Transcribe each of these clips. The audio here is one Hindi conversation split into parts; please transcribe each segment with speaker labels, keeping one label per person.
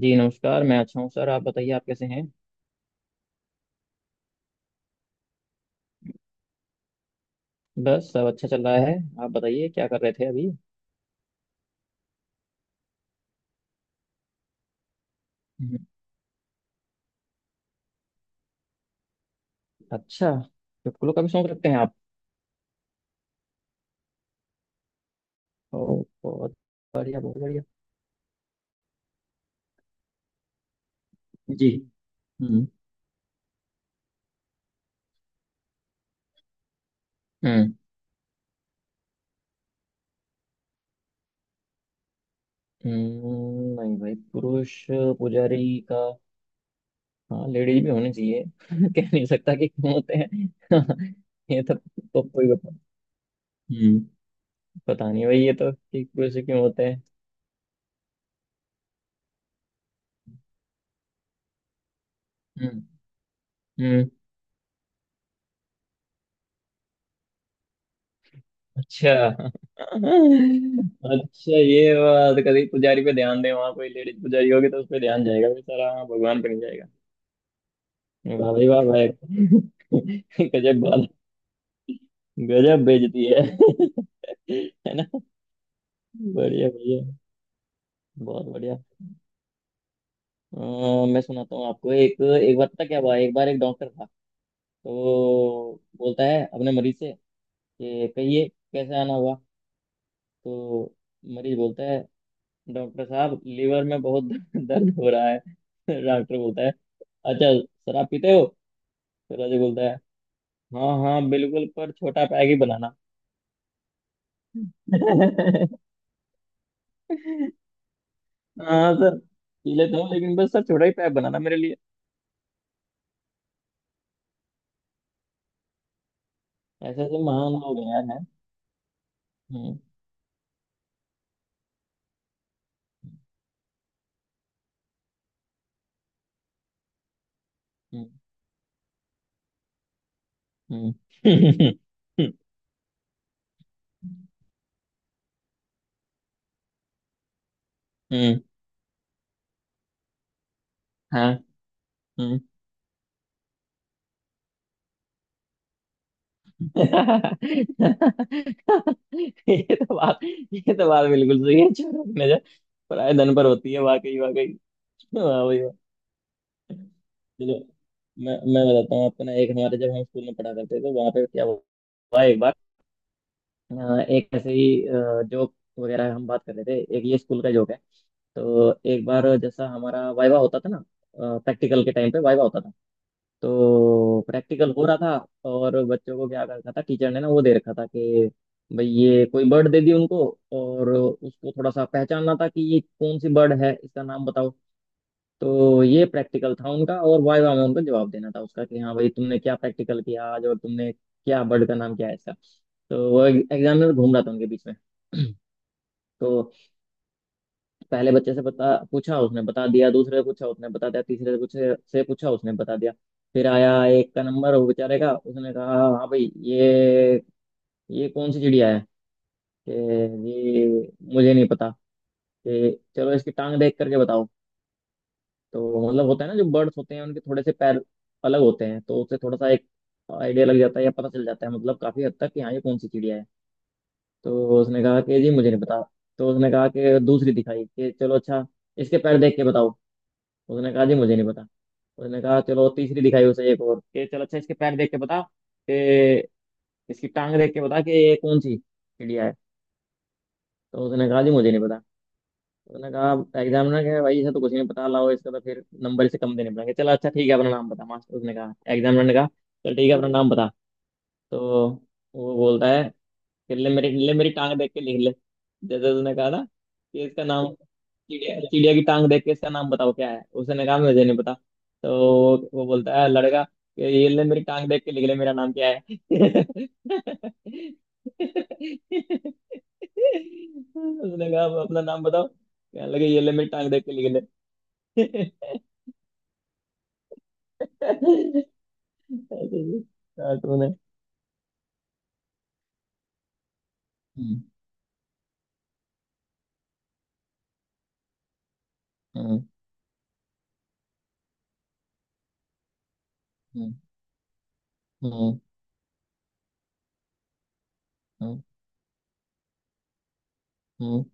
Speaker 1: जी नमस्कार। मैं अच्छा हूँ सर। आप बताइए, आप कैसे हैं? बस सब अच्छा चल रहा है। आप बताइए, क्या कर रहे थे अभी? हम्म। अच्छा। चुटकुलों का भी शौक रखते हैं आप? ओ, बहुत। बढ़िया, बहुत बढ़िया। जी। हम्म। हम्म। नहीं भाई, पुरुष पुजारी का। हाँ, लेडीज भी होने चाहिए। कह नहीं सकता कि क्यों होते हैं। ये तो कोई बता। हम्म। पता नहीं भाई, ये तो कि पुरुष क्यों होते हैं। हम्म। हम्म। अच्छा। अच्छा, ये बात। कभी पुजारी पे ध्यान दे, वहां कोई लेडीज पुजारी होगी तो उस पे ध्यान जाएगा बेचारा, हाँ, भगवान पे नहीं जाएगा। वाह भाई, वाह भाई। गजब बात। गजब बेइज्जती है। है ना। बढ़िया बढ़िया। बहुत बढ़िया। मैं सुनाता हूँ आपको, एक एक बार पता क्या हुआ, एक बार एक डॉक्टर था। तो बोलता है अपने मरीज से, कि कहिए, कैसे आना हुआ? तो मरीज बोलता है, डॉक्टर साहब, लीवर में बहुत दर्द हो रहा है। डॉक्टर बोलता है, अच्छा, शराब पीते हो? फिरोजी बोलता है, हाँ हाँ, बिल्कुल, पर छोटा पैग ही बनाना। हाँ सर, पी लेता हूँ, लेकिन बस सर छोटा ही पैग बनाना मेरे लिए। ऐसे ऐसे महान लोग हैं यार, हैं। हम्म। हम्म। हम्म। हम्म। हाँ। हम्म। ये तो बात बिल्कुल सही है। छोटा नजर पराये धन पर होती है, वाकई वाकई। वाह भाई। चलो, मैं बताता हूँ आपको ना, एक हमारे, जब हम स्कूल में पढ़ा करते थे, तो वहाँ पे क्या हुआ। एक बार, एक ऐसे ही जोक वगैरह हम बात कर रहे थे, एक ये स्कूल का जोक है। तो एक बार, जैसा हमारा वाइवा होता था ना, प्रैक्टिकल के टाइम पे वाइवा होता था। तो प्रैक्टिकल हो रहा था, और बच्चों को क्या कर रखा था टीचर ने ना, वो दे रखा था कि भाई ये कोई बर्ड दे दी उनको, और उसको थोड़ा सा पहचानना था कि ये कौन सी बर्ड है, इसका नाम बताओ। तो ये प्रैक्टिकल था उनका, और वाइवा में उनको जवाब देना था उसका, कि हाँ भाई तुमने क्या प्रैक्टिकल किया आज, और तुमने क्या बर्ड का नाम क्या है इसका। तो वो एग्जामिनर घूम रहा था उनके बीच में। तो पहले बच्चे से बता पूछा, उसने बता दिया। दूसरे से पूछा, उसने बता दिया। तीसरे से पूछे से पूछा, उसने बता दिया। फिर आया एक का नंबर वो बेचारे का। उसने कहा, हाँ भाई ये कौन सी चिड़िया है? कि ये, मुझे नहीं पता। कि चलो इसकी टांग देख करके बताओ। तो मतलब होता है ना, जो बर्ड्स होते हैं उनके थोड़े से पैर अलग होते हैं, तो उससे थोड़ा सा एक आइडिया लग जाता है या पता चल जाता है मतलब काफी हद तक कि हाँ ये कौन सी चिड़िया है। तो उसने कहा कि जी मुझे नहीं पता। तो उसने कहा कि दूसरी दिखाई, कि चलो अच्छा इसके पैर देख के बताओ। उसने कहा, जी मुझे नहीं पता। उसने कहा चलो, तीसरी दिखाई उसे एक और, कि चलो अच्छा इसके पैर देख के बता, कि इसकी टांग देख के बता कि ये कौन सी चिड़िया है। तो उसने कहा, जी मुझे नहीं पता। मैंने कहा एग्जामिनर, कह भाई इसे तो कुछ नहीं पता, लाओ इसका तो फिर नंबर से कम देने पड़ेंगे। चला अच्छा ठीक है, अपना नाम बता मास्टर। उसने कहा, एग्जामिनर ने कहा, चल ठीक है अपना नाम बता। तो वो बोलता है, ले मेरी टांग देख के लिख ले। जैसे उसने कहा था कि इसका नाम चिड़िया, चिड़िया की टांग देख के इसका नाम बताओ क्या है, उसने कहा मुझे नहीं पता। तो वो बोलता है लड़का कि, ये ले मेरी टांग देख के लिख ले मेरा नाम क्या है। उसने कहा, "अब अपना नाम बताओ क्या लगे, ये ले मेरी टांग देख के लिख ले।" कार्टून है। हम्म। हम्म। हम्म। हम्म। हम्म। हम्म।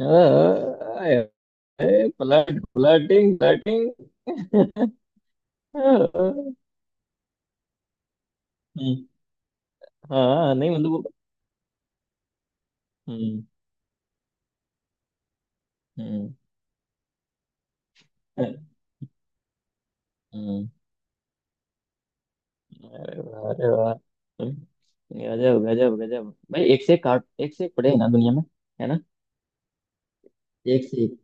Speaker 1: हम्म। Flirting, flirting. हाँ, नहीं मतलब वो। हम्म। हम्म। हम्म। अरे वाह, अरे वाह। गजब, गजब, गजब। भाई, एक से एक काट, एक से एक पड़े हैं ना दुनिया में। है ना। एक से एक।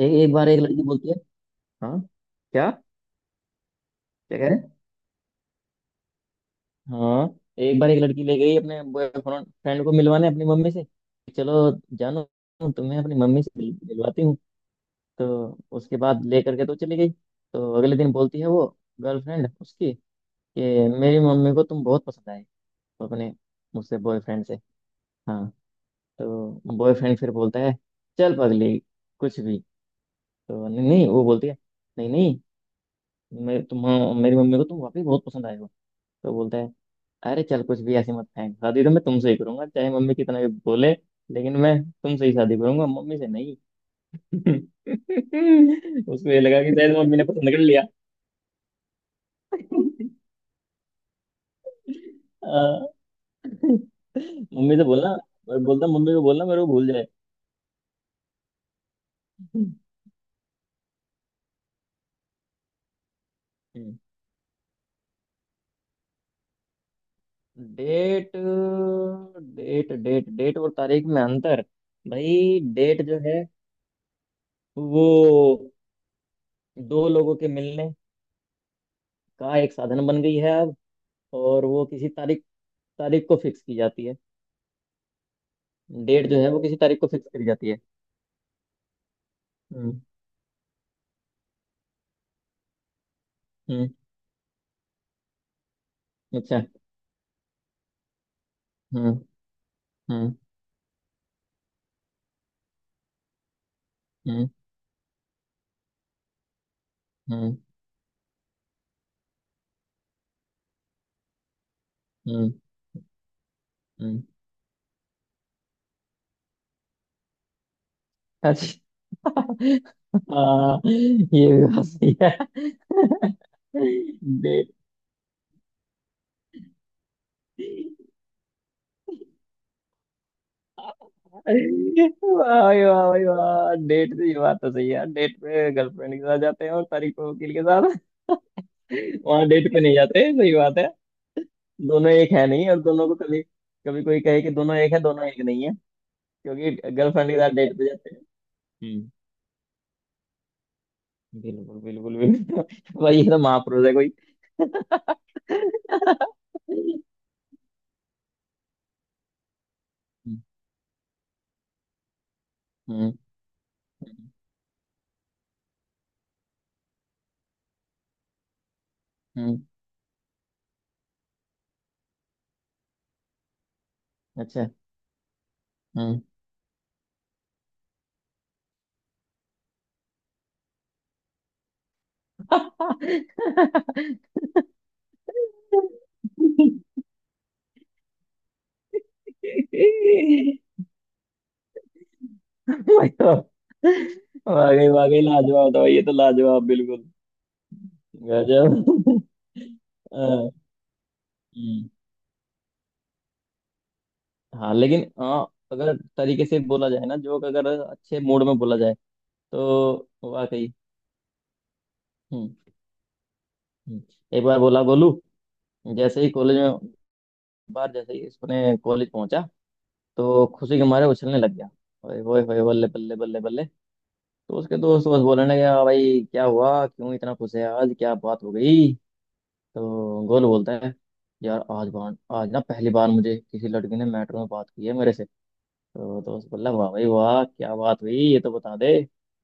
Speaker 1: एक एक बार एक लड़की बोलती है। हाँ। क्या क्या? कह रहे हैं? हाँ। एक बार एक लड़की ले गई अपने बॉयफ्रेंड फ्रेंड को मिलवाने अपनी मम्मी से, कि चलो जानो, तुम्हें अपनी मम्मी से मिलवाती हूँ। तो उसके बाद ले करके तो चली गई। तो अगले दिन बोलती है वो, गर्लफ्रेंड उसकी, कि मेरी मम्मी को तुम बहुत पसंद आए। तो अपने मुझसे, बॉयफ्रेंड से। हाँ। तो बॉयफ्रेंड फिर बोलता है, चल पगली, कुछ भी। तो नहीं नहीं, वो बोलती है, नहीं नहीं, मैं तुम मेरी मम्मी को तुम वाकई बहुत पसंद आए हो। तो बोलता है, अरे चल, कुछ भी ऐसी मत फेंक, शादी तो मैं तुमसे ही करूंगा चाहे मम्मी कितना भी बोले, लेकिन मैं तुमसे ही शादी करूंगा, मम्मी से नहीं। उसको ये लगा कि शायद मम्मी ने पसंद कर लिया। अ, मम्मी से बोलना, मैं बोलता मम्मी को बोलना मेरे को भूल जाए। डेट। डेट और तारीख में अंतर? भाई डेट जो है, वो दो लोगों के मिलने का एक साधन बन गई है अब। और वो किसी तारीख तारीख को फिक्स की जाती है। डेट जो है वो किसी तारीख को फिक्स करी जाती है। हम्म। हम्म। अच्छा। हम्म। हम्म। हम्म। हम्म। हम्म। हम्म। अच्छा। हाँ, ये भी बात सही है। डेट। वाह भाई, वाह भाई वाह, डेट से ये बात तो सही है यार, डेट पे गर्लफ्रेंड के साथ जाते हैं और तारीख को वकील के साथ। वहां डेट पे नहीं जाते, सही बात है। दोनों एक है नहीं, और दोनों को कभी कभी कोई कहे कि दोनों एक है, दोनों एक नहीं है। क्योंकि गर्लफ्रेंड के साथ डेट पे जाते हैं। हम्म। बिल्कुल बिल्कुल बिल्कुल। भाई ये तो महापुरुष है कोई। हम्म। हम्म। हम्म। अच्छा। हम्म। मतलब, वाकई वाकई लाजवाब था भाई, ये तो लाजवाब बिल्कुल। गजब। हाँ। हम्म, हाँ, लेकिन हाँ, अगर तरीके से बोला जाए ना जोक, अगर अच्छे मूड में बोला जाए तो वाकई। हम्म। हम्म। एक बार बोला गोलू, जैसे ही कॉलेज में, बार जैसे ही उसने कॉलेज पहुंचा, तो खुशी के मारे उछलने लग गया। ओए होए होए, बल्ले बल्ले बल्ले बल्ले। तो उसके दोस्त बस बोलने लगे, "आ भाई क्या हुआ, क्यों इतना खुश है आज, क्या बात हो गई?" तो गोलू बोलता है, यार आज ना पहली बार मुझे किसी लड़की ने मेट्रो में बात की है मेरे से। तो दोस्त बोला, वाह भाई वाह, क्या बात हुई, ये तो बता दे।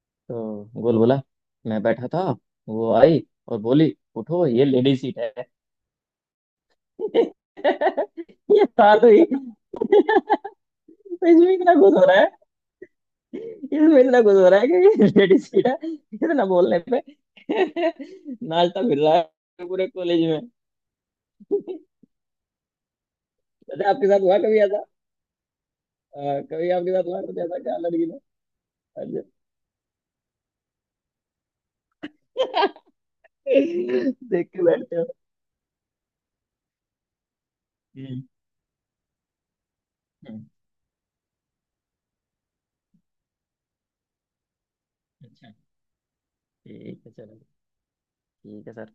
Speaker 1: तो गोल बोला, मैं बैठा था, वो आई और बोली, उठो ये लेडी सीट है। ये बात हुई। तो इसमें इतना खुश हो रहा है। इसमें इतना कुछ हो रहा है कि लेडीज सीटा, इतना बोलने पे नाश्ता मिल रहा है पूरे कॉलेज में। अच्छा, आपके साथ हुआ कभी ऐसा? कभी आपके साथ हुआ कुछ ऐसा, क्या लड़की ने? अच्छा। देख के बैठते हो? हम्म। हम्म। अच्छा। ठीक है, चलो ठीक है सर।